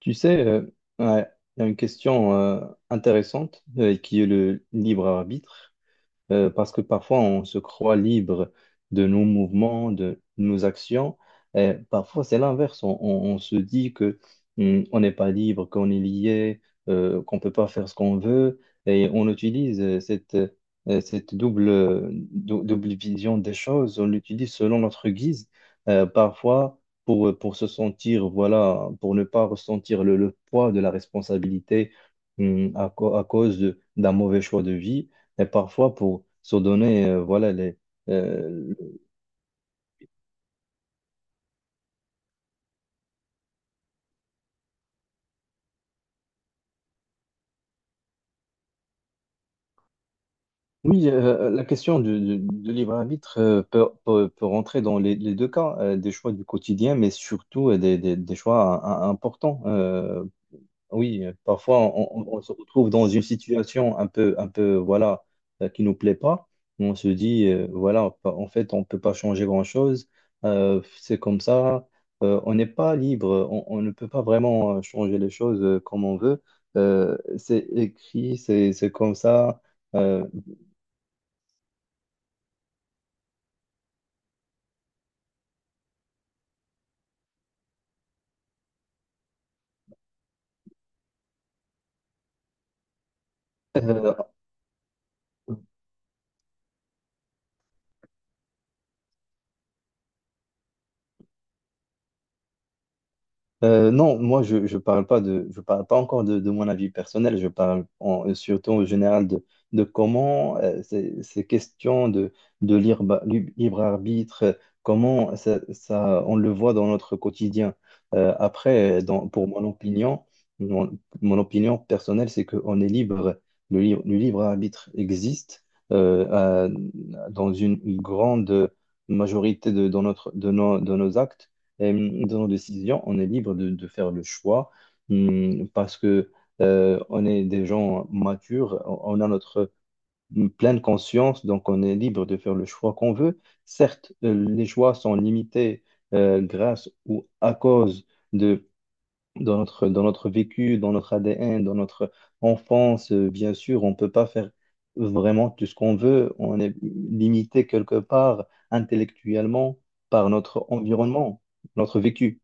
Tu sais, euh, ouais, il y a une question intéressante qui est le libre arbitre. Parce que parfois, on se croit libre de nos mouvements, de nos actions. Et parfois, c'est l'inverse. On se dit que on n'est pas libre, qu'on est lié, qu'on ne peut pas faire ce qu'on veut. Et on utilise cette, cette double, double vision des choses. On l'utilise selon notre guise, parfois pour se sentir, voilà, pour ne pas ressentir le poids de la responsabilité à, à cause d'un mauvais choix de vie. Et parfois, pour se donner, voilà, euh, oui, la question du libre arbitre peut rentrer dans les deux cas, des choix du quotidien, mais surtout des choix importants. Oui, parfois on se retrouve dans une situation un peu, voilà, qui nous plaît pas. On se dit, voilà, en fait, on peut pas changer grand-chose. C'est comme ça. On n'est pas libre. On ne peut pas vraiment changer les choses comme on veut. C'est écrit, c'est comme ça. Euh, non, moi je parle pas de je parle pas encore de mon avis personnel. Je parle surtout en général de comment ces questions de libre, libre arbitre, comment on le voit dans notre quotidien. Après, dans, pour mon opinion, mon opinion personnelle, c'est qu'on est libre. Le libre arbitre existe euh, à- dans une grande majorité de dans notre de nos actes dans nos décisions, on est libre de faire le choix parce que on est des gens matures, on a notre pleine conscience, donc on est libre de faire le choix qu'on veut. Certes, les choix sont limités grâce ou à cause de dans notre vécu, dans notre ADN, dans notre enfance, bien sûr, on ne peut pas faire vraiment tout ce qu'on veut, on est limité quelque part intellectuellement par notre environnement, notre vécu.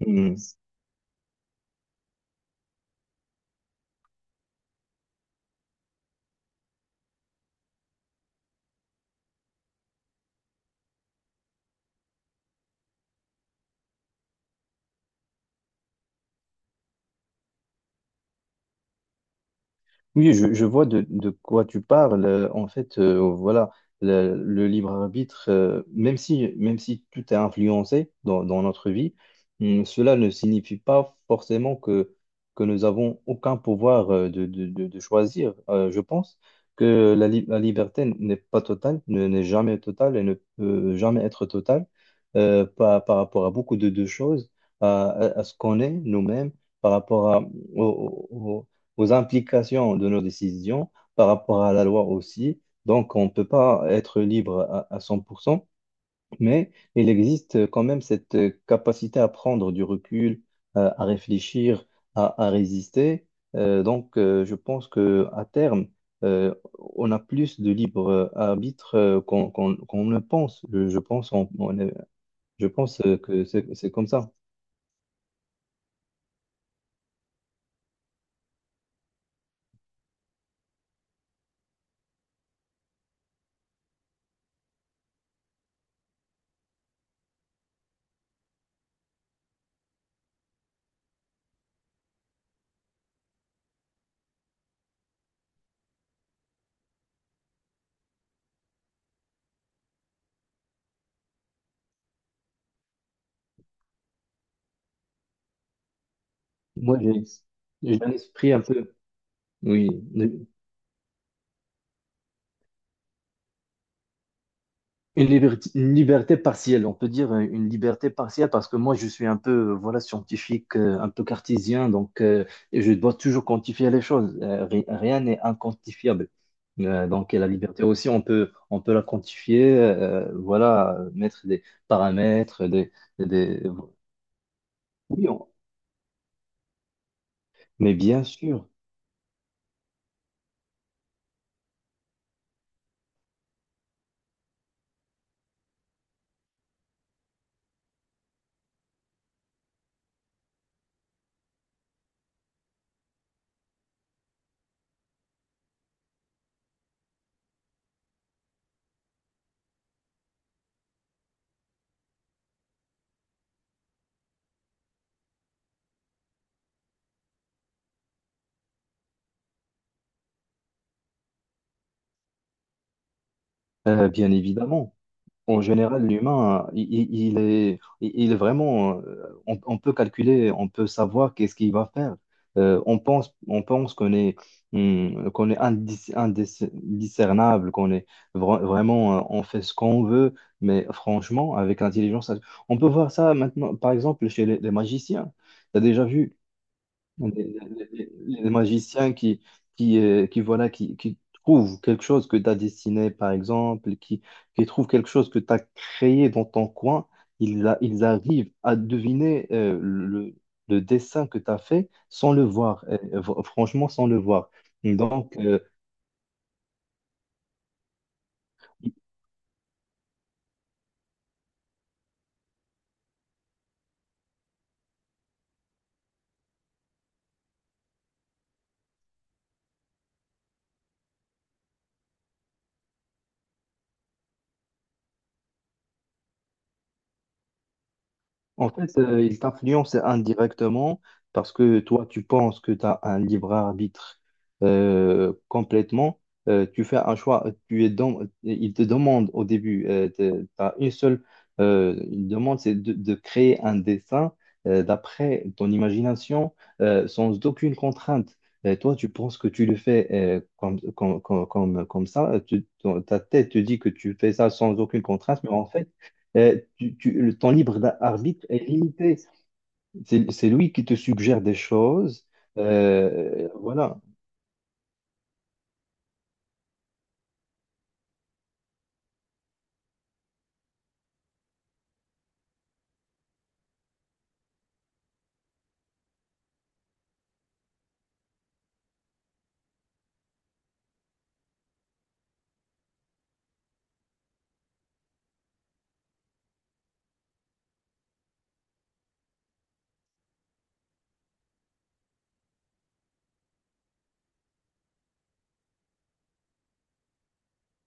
Mm. Oui, je vois de quoi tu parles. En fait, voilà, le libre arbitre, même si tout est influencé dans notre vie, cela ne signifie pas forcément que nous avons aucun pouvoir de choisir. Je pense que la liberté n'est pas totale, n'est jamais totale et ne peut jamais être totale par, par rapport à beaucoup de choses, à ce qu'on est nous-mêmes, par rapport à, au- au- aux implications de nos décisions par rapport à la loi aussi. Donc, on ne peut pas être libre à 100%, mais il existe quand même cette capacité à prendre du recul, à réfléchir, à résister. Donc, je pense que à terme, euh, on a plus de libre arbitre qu'on qu'on ne pense. Je pense, je pense que c'est comme ça. Moi, j'ai un esprit un peu, oui, une liberté, une liberté partielle, on peut dire une liberté partielle parce que moi je suis un peu voilà scientifique, un peu cartésien, donc et je dois toujours quantifier les choses. Rien n'est inquantifiable. Donc et la liberté aussi, on peut la quantifier, voilà, mettre des paramètres, des... Oui, mais bien sûr, bien évidemment. En général, l'humain, il est, il est vraiment, on peut calculer, on peut savoir qu'est-ce qu'il va faire. On pense qu'on est indiscernable, qu'on est vraiment, on fait ce qu'on veut, mais franchement, avec l'intelligence, on peut voir ça maintenant, par exemple, chez les magiciens. Tu as déjà vu les, les- les- magiciens qui, qui trouvent quelque chose que tu as dessiné, par exemple, qui trouvent quelque chose que tu as créé dans ton coin, ils arrivent à deviner le dessin que tu as fait sans le voir, franchement, sans le voir. Donc, en fait, il t'influence indirectement parce que toi, tu penses que tu as un libre arbitre complètement. Tu fais un choix, tu es dans, il te demande au début, tu as une seule une demande, c'est de créer un dessin d'après ton imagination sans aucune contrainte. Et toi, tu penses que tu le fais comme ça. Ta tête te dit que tu fais ça sans aucune contrainte, mais en fait, le temps libre d'arbitre est limité. C'est lui qui te suggère des choses. Voilà.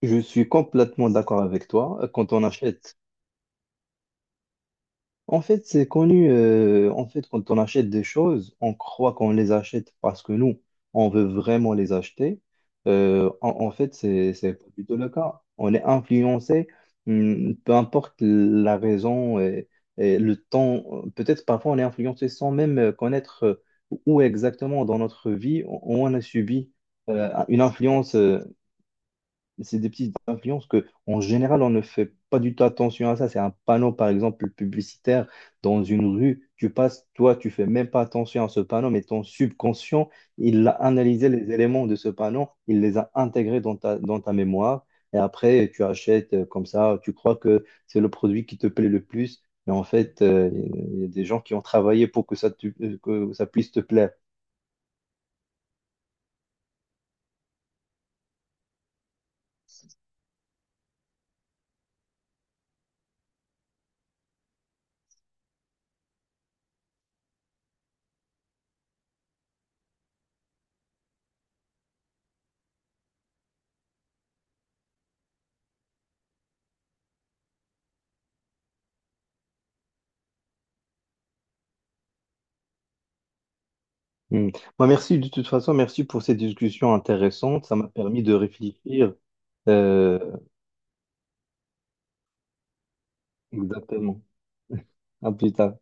Je suis complètement d'accord avec toi. Quand on achète en fait, c'est connu. En fait, quand on achète des choses, on croit qu'on les achète parce que nous, on veut vraiment les acheter. En fait, c'est pas du tout le cas. On est influencé, peu importe la raison et le temps. Peut-être parfois on est influencé sans même connaître où exactement dans notre vie on a subi une influence c'est des petites influences que, en général, on ne fait pas du tout attention à ça. C'est un panneau, par exemple, publicitaire dans une rue. Tu passes, toi, tu fais même pas attention à ce panneau, mais ton subconscient, il a analysé les éléments de ce panneau, il les a intégrés dans ta mémoire. Et après, tu achètes comme ça, tu crois que c'est le produit qui te plaît le plus. Mais en fait, il y a des gens qui ont travaillé pour que ça, que ça puisse te plaire. Hmm. Moi, merci de toute façon, merci pour cette discussion intéressante. Ça m'a permis de réfléchir. Euh, Exactement. À plus tard.